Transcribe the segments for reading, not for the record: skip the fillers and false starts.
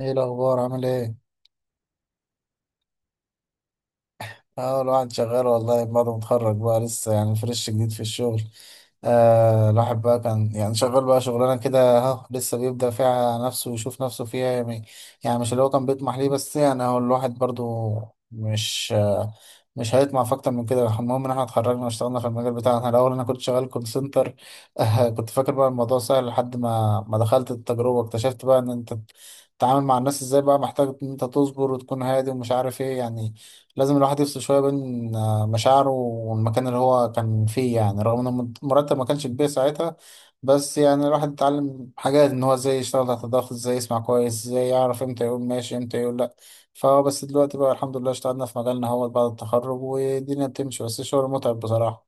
ايه الاخبار، عامل ايه؟ اه الواحد شغال والله، بعد ما اتخرج بقى لسه يعني فريش جديد في الشغل. الواحد بقى كان يعني شغال بقى شغلانة كده، اهو لسه بيبدأ فيها نفسه ويشوف نفسه فيها يعني, يعني مش اللي هو كان بيطمح ليه، بس يعني هو الواحد برضو مش آه مش هيطمع في اكتر من كده. المهم ان احنا اتخرجنا واشتغلنا في المجال بتاعنا. الاول انا كنت شغال كول سنتر. كنت فاكر بقى الموضوع سهل لحد ما دخلت التجربة، اكتشفت بقى ان انت تتعامل مع الناس ازاي. بقى محتاج ان انت تصبر وتكون هادي ومش عارف ايه يعني، لازم الواحد يفصل شوية بين مشاعره والمكان اللي هو كان فيه، يعني رغم ان المرتب ما كانش كبير ساعتها. بس يعني الواحد اتعلم حاجات، ان هو ازاي يشتغل تحت الضغط، ازاي يسمع كويس، ازاي يعرف امتى يقول ماشي، امتى يقول لا. فهو بس دلوقتي بقى الحمد لله اشتغلنا في مجالنا، هو بعد التخرج والدنيا بتمشي، بس الشغل متعب بصراحة.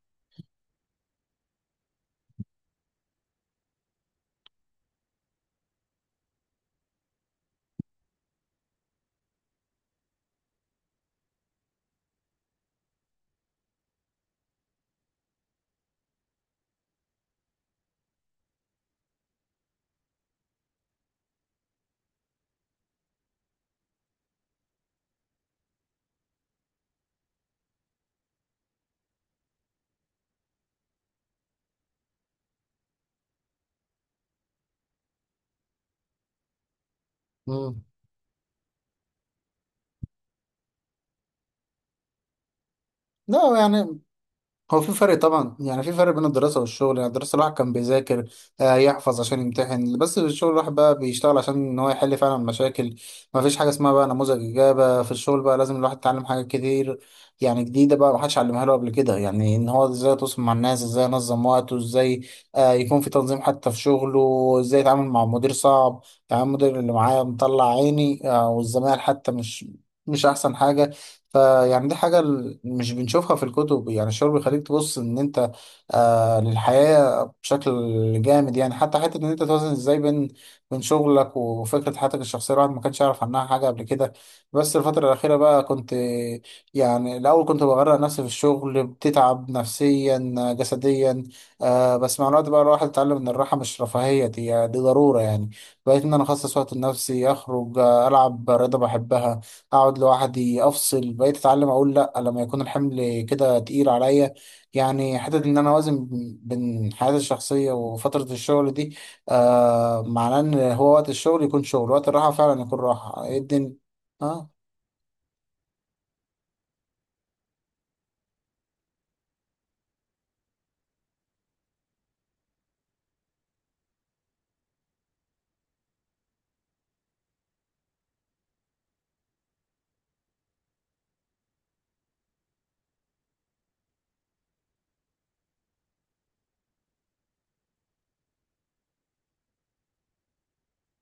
مم. لا يعني، هو في فرق طبعا، يعني في فرق بين الدراسة والشغل. يعني الدراسة الواحد كان بيذاكر، يحفظ عشان يمتحن، بس الشغل الواحد بقى بيشتغل عشان ان هو يحل فعلا مشاكل. ما فيش حاجة اسمها بقى نموذج إجابة في الشغل. بقى لازم الواحد يتعلم حاجات كتير، يعني جديدة بقى محدش علمها له قبل كده. يعني ان هو ازاي يتواصل مع الناس، ازاي ينظم وقته، ازاي يكون في تنظيم حتى في شغله، ازاي يتعامل مع مدير صعب. يعني المدير اللي معايا مطلع عيني، والزمايل حتى مش احسن حاجة. فيعني دي حاجة مش بنشوفها في الكتب. يعني الشعور بيخليك تبص إن أنت للحياة بشكل جامد. يعني حتى حتة إن أنت توازن إزاي بين شغلك وفكرة حياتك الشخصية. الواحد ما كانش يعرف عنها حاجة قبل كده. بس الفترة الأخيرة بقى كنت، يعني الأول كنت بغرق نفسي في الشغل، بتتعب نفسيا جسديا. بس مع الوقت بقى الواحد اتعلم إن الراحة مش رفاهية، دي ضرورة. يعني بقيت إن أنا أخصص وقت لنفسي، أخرج ألعب رياضة بحبها، اقعد لوحدي، افصل. بقيت اتعلم اقول لا لما يكون الحمل كده تقيل عليا. يعني حتى ان انا اوازن بين حياتي الشخصيه وفتره الشغل دي. معناه ان هو وقت الشغل يكون شغل، وقت الراحه فعلا يكون راحه. ايه الدنيا؟ اه.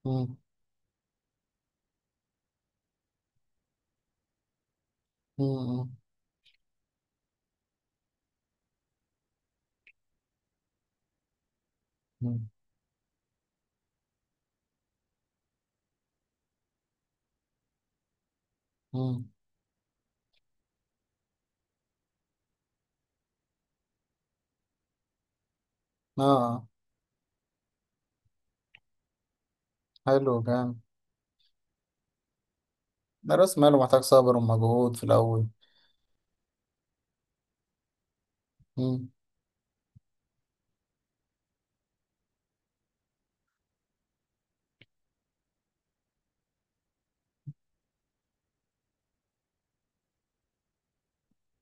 مم. مم. مم. مم. اه، حلو جامد. ده راس ماله، محتاج صبر ومجهود في الاول. مم.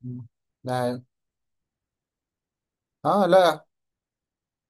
مم. ده حلو. اه، لا.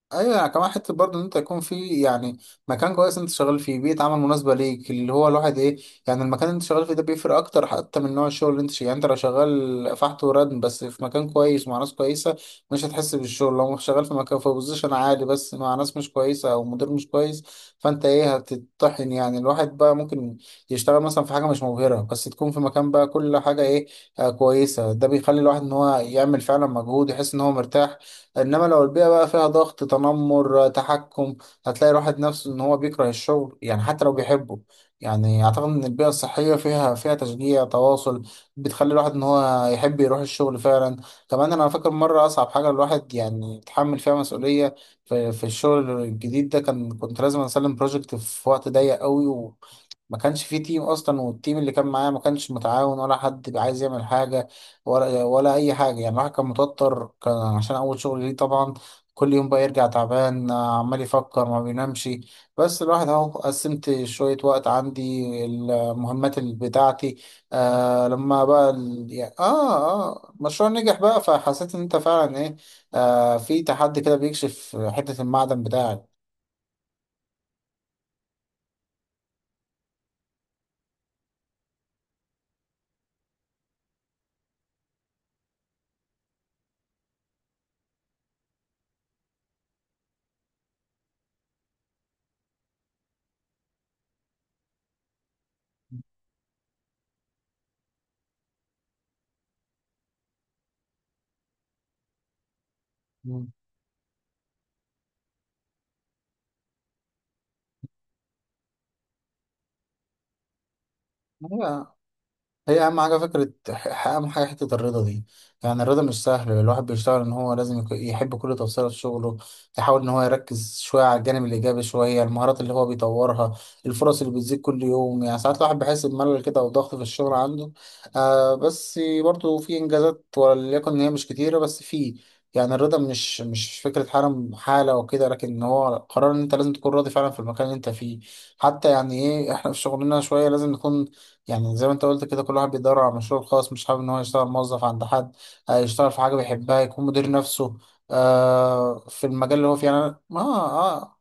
ايوه، يعني كمان حته برضه ان انت يكون في، يعني مكان كويس انت شغال فيه، بيئه عمل مناسبه ليك، اللي هو الواحد ايه، يعني المكان اللي انت شغال فيه ده بيفرق اكتر حتى من نوع الشغل اللي انت شغال. يعني انت لو شغال فحت وردم بس في مكان كويس مع ناس كويسه، مش هتحس بالشغل. لو شغال في مكان في بوزيشن عالي بس مع ناس مش كويسه او مدير مش كويس، فانت ايه هتتطحن. يعني الواحد بقى ممكن يشتغل مثلا في حاجه مش مبهره، بس تكون في مكان بقى كل حاجه ايه، كويسه. ده بيخلي الواحد ان هو يعمل فعلا مجهود، يحس ان هو مرتاح. انما لو البيئه بقى فيها ضغط، تنمر، تحكم، هتلاقي الواحد نفسه ان هو بيكره الشغل، يعني حتى لو بيحبه. يعني اعتقد ان البيئه الصحيه فيها تشجيع، تواصل، بتخلي الواحد ان هو يحب يروح الشغل فعلا. كمان انا فاكر مره، اصعب حاجه الواحد يعني يتحمل فيها مسؤوليه، في الشغل الجديد ده، كان كنت لازم اسلم بروجكت في وقت ضيق قوي. ما كانش فيه تيم اصلا، والتيم اللي كان معاه ما كانش متعاون، ولا حد بقى عايز يعمل حاجه ولا اي حاجه. يعني الواحد كان متوتر، كان عشان اول شغل ليه طبعا. كل يوم بقى يرجع تعبان، عمال يفكر ما بينامش. بس الواحد اهو قسمت شويه وقت عندي، المهمات اللي بتاعتي. لما بقى يعني المشروع نجح بقى، فحسيت ان انت فعلا ايه. في تحدي كده بيكشف حته المعدن بتاعك. مم. هي أهم حاجة، حتة الرضا دي. يعني الرضا مش سهل. الواحد بيشتغل إن هو لازم يحب كل تفصيلة في شغله، يحاول إن هو يركز شوية على الجانب الإيجابي، شوية المهارات اللي هو بيطورها، الفرص اللي بتزيد كل يوم. يعني ساعات الواحد بيحس بملل كده أو ضغط في الشغل عنده، بس برضه في إنجازات، وليكن إن هي مش كتيرة، بس في. يعني الرضا مش فكرة حالة حالة وكده، لكن هو قرار إن أنت لازم تكون راضي فعلا في المكان اللي أنت فيه. حتى يعني إيه، إحنا في شغلنا شوية لازم نكون، يعني زي ما انت قلت كده، كل واحد بيدور على مشروع خاص، مش حابب ان هو يشتغل موظف عند حد، يشتغل في حاجة بيحبها، يكون مدير نفسه في المجال اللي هو فيه. يعني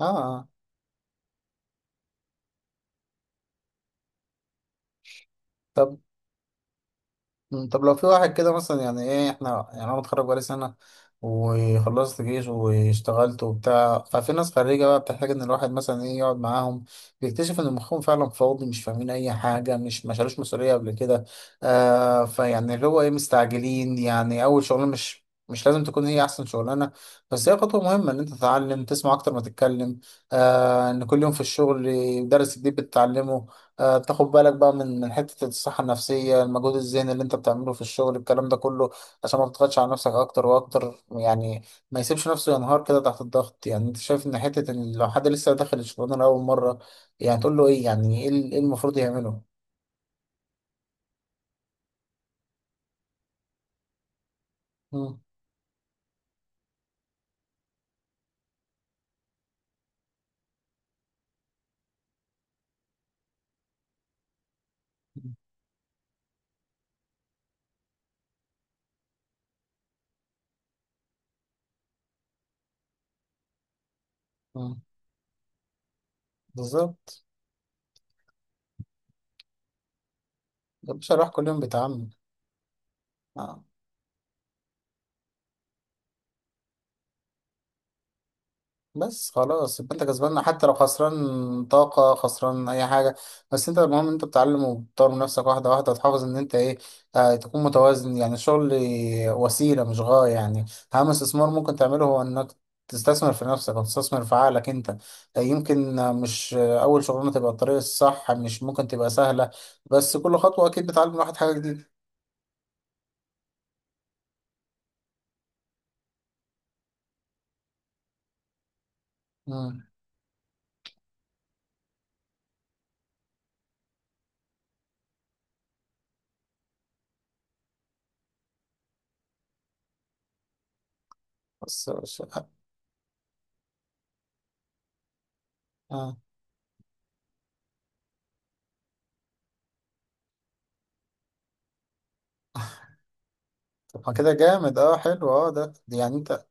اه, آه. طب. طب لو في واحد كده مثلا، يعني ايه، احنا يعني انا متخرج بقالي سنة، وخلصت جيش، واشتغلت وبتاع. ففي ناس خريجة بقى بتحتاج ان الواحد مثلا ايه يقعد معاهم، بيكتشف ان مخهم فعلا فاضي، مش فاهمين اي حاجة، مش ما شالوش مسؤولية قبل كده. فيعني اللي هو ايه، مستعجلين. يعني اول شغلانة مش لازم تكون هي احسن شغلانه، بس هي خطوه مهمه ان انت تتعلم تسمع اكتر ما تتكلم. ان كل يوم في الشغل درس جديد بتتعلمه. تاخد بالك بقى من حتة الصحة النفسية، المجهود الذهني اللي انت بتعمله في الشغل الكلام ده كله، عشان ما تضغطش على نفسك اكتر واكتر. يعني ما يسيبش نفسه ينهار كده تحت الضغط. يعني انت شايف ان حتة ان لو حد لسه داخل الشغلانة لأول مرة، يعني تقول له ايه، يعني ايه إيه المفروض يعمله؟ مم. مم. بالظبط. ده بصراحة كل يوم بيتعامل. آه. بس خلاص يبقى انت كسبان حتى لو خسران طاقة، خسران أي حاجة. بس انت المهم انت بتتعلم وبتطور من نفسك واحدة واحدة، وتحافظ ان انت ايه، تكون متوازن. يعني الشغل وسيلة مش غاية. يعني أهم استثمار ممكن تعمله هو انك تستثمر في نفسك وتستثمر في عقلك انت. آه، يمكن آه، مش آه، أول شغلانة تبقى الطريق الصح، مش ممكن تبقى سهلة، بس كل خطوة أكيد بتعلم الواحد حاجة جديدة. مم. بس آه آه. طب ما كده جامد، اه حلو، اه ده يعني انت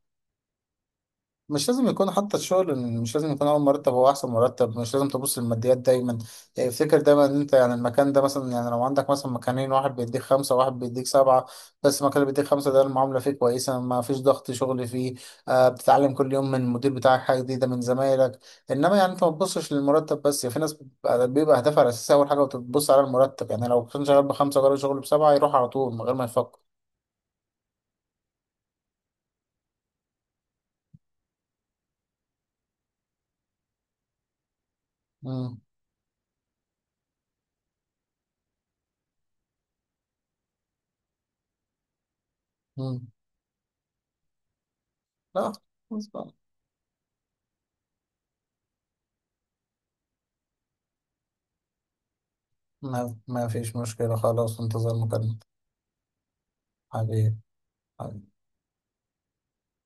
مش لازم يكون حتى الشغل، مش لازم يكون اول مرتب هو احسن مرتب. مش لازم تبص للماديات دايما. يعني افتكر دايما ان انت، يعني المكان ده، مثلا يعني لو عندك مثلا مكانين، واحد بيديك خمسة وواحد بيديك سبعة، بس المكان اللي بيديك خمسة ده المعاملة فيه كويسة، ما فيش ضغط شغل فيه، بتتعلم كل يوم من المدير بتاعك حاجة جديدة من زمايلك. انما يعني انت ما تبصش للمرتب بس. يعني في ناس بيبقى هدفها الاساسي اول حاجة وتبص على المرتب. يعني لو كان شغال بخمسة وجرب شغل بسبعة، يروح على طول من غير ما يفكر. مم. مم. لا. ما فيش مشكلة، خلاص. انتظر مكالمة. حبيبي، حبيبي.